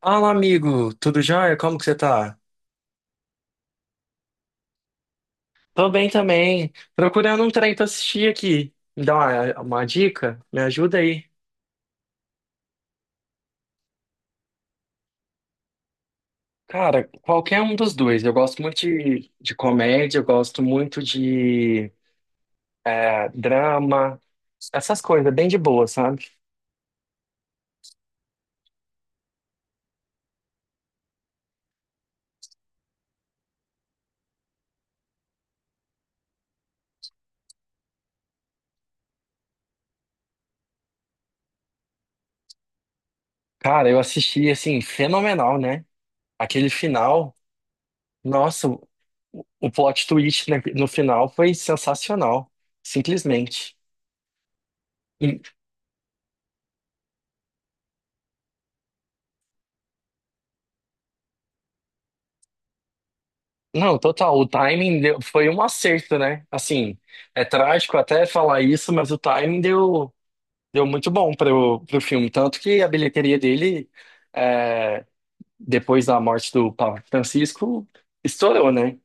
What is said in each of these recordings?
Fala, amigo, tudo jóia? Como que você tá? Tô bem também. Procurando um trem pra assistir aqui. Me dá uma dica? Me ajuda aí. Cara, qualquer um dos dois. Eu gosto muito de comédia, eu gosto muito de drama, essas coisas, bem de boa, sabe? Cara, eu assisti, assim, fenomenal, né? Aquele final, nossa, o plot twist, né, no final foi sensacional, simplesmente. Não, total. Foi um acerto, né? Assim, é trágico até falar isso, mas o timing deu muito bom para o filme. Tanto que a bilheteria dele, é, depois da morte do Papa Francisco, estourou, né?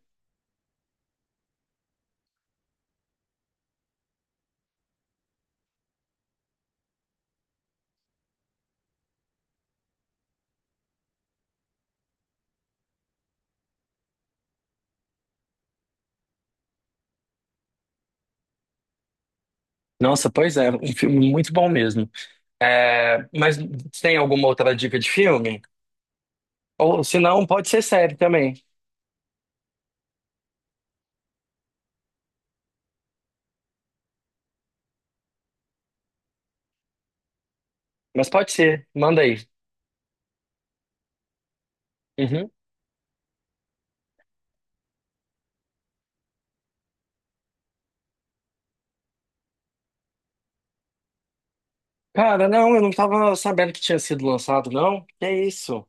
Nossa, pois é, um filme muito bom mesmo. É, mas tem alguma outra dica de filme? Ou se não, pode ser série também. Mas pode ser, manda aí. Uhum. Cara, não, eu não tava sabendo que tinha sido lançado, não. Que é isso?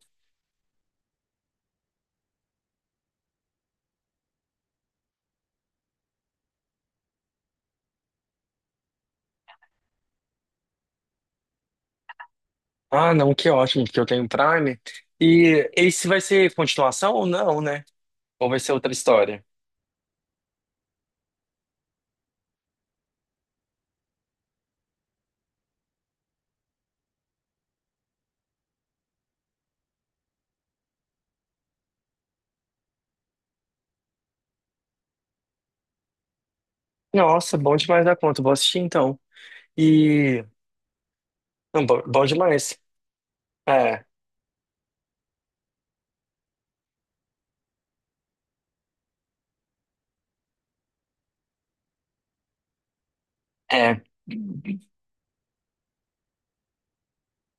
Ah, não, que ótimo, porque eu tenho Prime. E esse vai ser continuação ou não, né? Ou vai ser outra história? Nossa, bom demais da conta, vou assistir então. E. Não, bom, demais. É, é.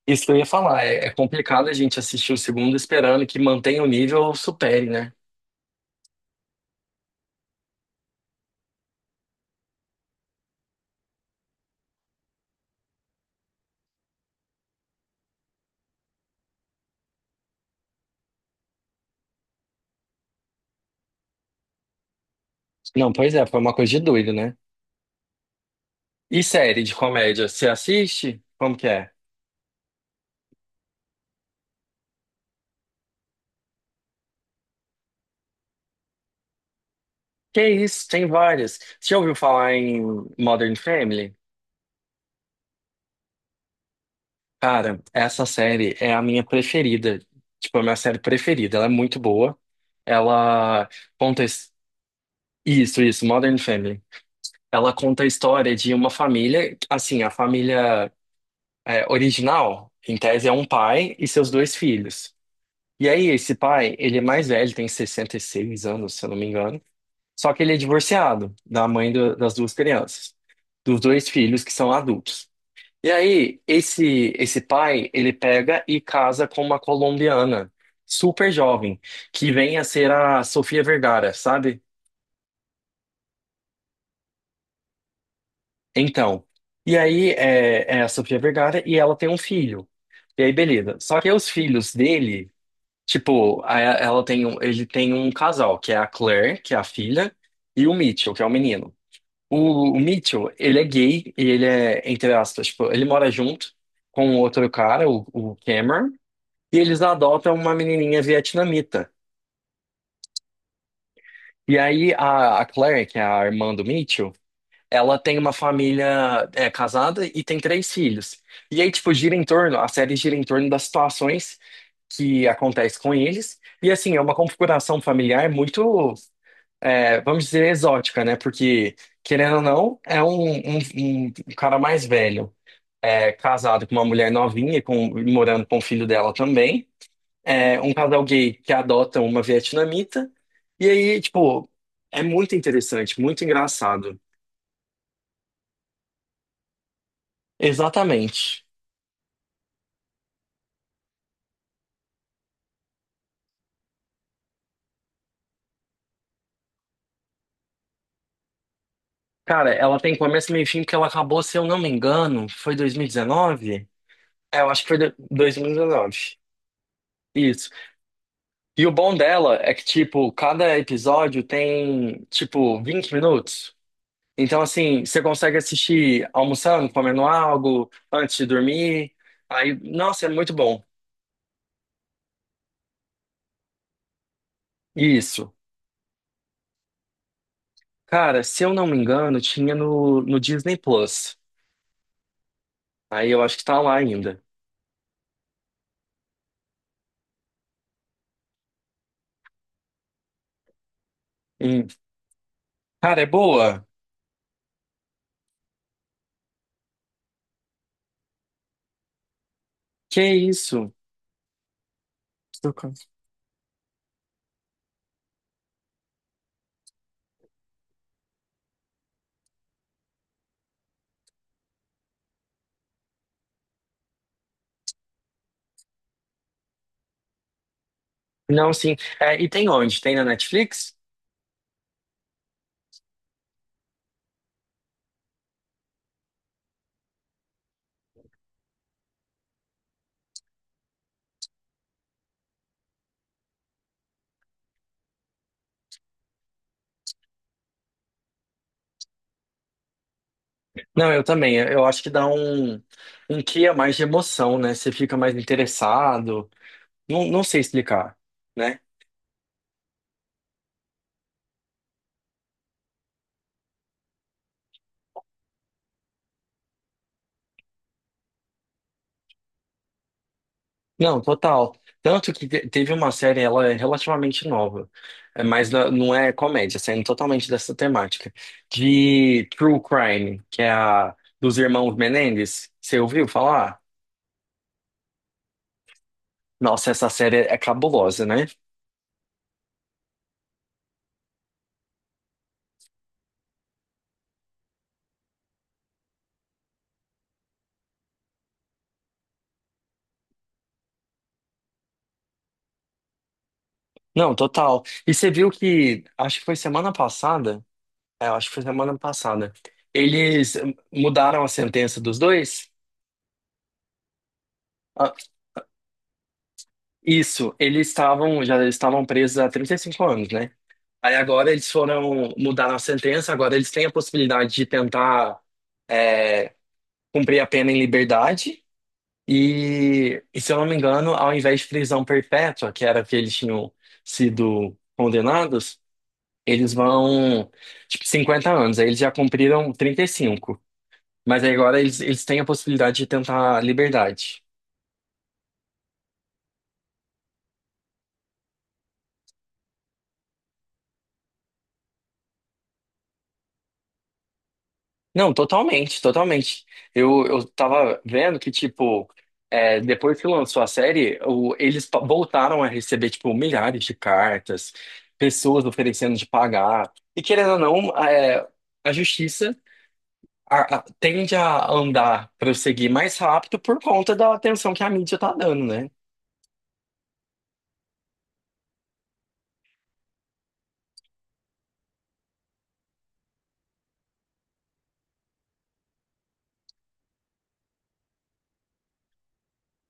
Isso que eu ia falar, é complicado a gente assistir o segundo esperando que mantenha o nível ou supere, né? Não, pois é, foi uma coisa de doido, né? E série de comédia, você assiste? Como que é? Que isso, tem várias. Você já ouviu falar em Modern Family? Cara, essa série é a minha preferida. Tipo, é a minha série preferida. Ela é muito boa. Ela conta. his- Isso, isso, Modern Family. Ela conta a história de uma família. Assim, a família é, original, em tese, é um pai e seus dois filhos. E aí, esse pai, ele é mais velho, tem 66 anos, se eu não me engano. Só que ele é divorciado das duas crianças, dos dois filhos que são adultos. E aí, esse pai, ele pega e casa com uma colombiana, super jovem, que vem a ser a Sofia Vergara, sabe? Então, e aí é, é a Sofia Vergara e ela tem um filho. E aí, beleza. Só que os filhos dele, tipo, ela tem um, ele tem um casal, que é a Claire, que é a filha, e o Mitchell, que é o menino. O Mitchell, ele é gay e ele é, entre aspas, tipo, ele mora junto com outro cara, o Cameron. E eles adotam uma menininha vietnamita. E aí a Claire, que é a irmã do Mitchell, ela tem uma família é, casada e tem três filhos. E aí, tipo, gira em torno, a série gira em torno das situações que acontecem com eles. E assim, é uma configuração familiar muito, é, vamos dizer, exótica, né? Porque, querendo ou não, um cara mais velho, é, casado com uma mulher novinha, e com, morando com o filho dela também. É, um casal gay que adota uma vietnamita. E aí, tipo, é muito interessante, muito engraçado. Exatamente. Cara, ela tem começo, meio e fim, porque ela acabou, se eu não me engano, foi 2019? É, eu acho que foi 2019. Isso. E o bom dela é que, tipo, cada episódio tem, tipo, 20 minutos. Então, assim, você consegue assistir almoçando, comendo algo, antes de dormir. Aí, nossa, é muito bom. Isso. Cara, se eu não me engano, tinha no Disney Plus. Aí eu acho que tá lá ainda. Hum. Cara, é boa? Que isso? Estou com- Não, sim. É, e tem onde? Tem na Netflix? Não, eu também. Eu acho que dá um, um quê a mais de emoção, né? Você fica mais interessado. Não, não sei explicar, né? Não, total. Tanto que teve uma série, ela é relativamente nova, é, mas não é comédia, saindo totalmente dessa temática, de True Crime, que é a dos irmãos Menendez. Você ouviu falar? Nossa, essa série é cabulosa, né? Não, total. E você viu que, acho que foi semana passada, é, acho que foi semana passada, eles mudaram a sentença dos dois? Ah, isso, eles estavam, já estavam presos há 35 anos, né? Aí agora eles foram mudar a sentença, agora eles têm a possibilidade de tentar é, cumprir a pena em liberdade. E se eu não me engano, ao invés de prisão perpétua, que era que eles tinham sido condenados, eles vão, tipo, 50 anos. Aí eles já cumpriram 35. Mas aí agora eles, eles têm a possibilidade de tentar liberdade. Não, totalmente, totalmente. Eu tava vendo que, tipo, é, depois que lançou a série, eles voltaram a receber, tipo, milhares de cartas, pessoas oferecendo de pagar. E querendo ou não, é, a justiça tende a andar, prosseguir mais rápido por conta da atenção que a mídia tá dando, né?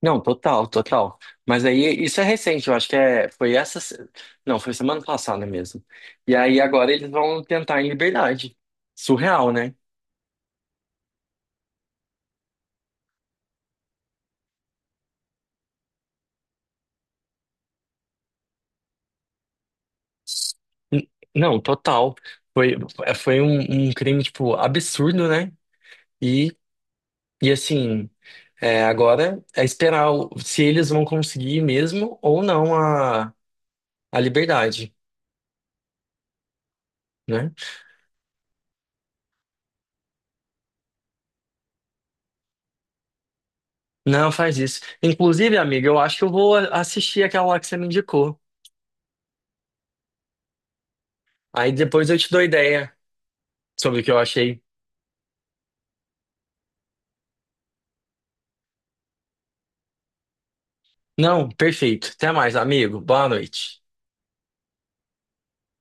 Não, total, total. Mas aí isso é recente, eu acho que é, foi essa. Não, foi semana passada mesmo. E aí agora eles vão tentar em liberdade. Surreal, né? N- Não, total. Foi, é, foi um crime, tipo, absurdo, né? E, e assim, é, agora é esperar se eles vão conseguir mesmo ou não a, a liberdade, né? Não, faz isso. Inclusive, amiga, eu acho que eu vou assistir aquela lá que você me indicou. Aí depois eu te dou ideia sobre o que eu achei. Não, perfeito. Até mais, amigo. Boa noite.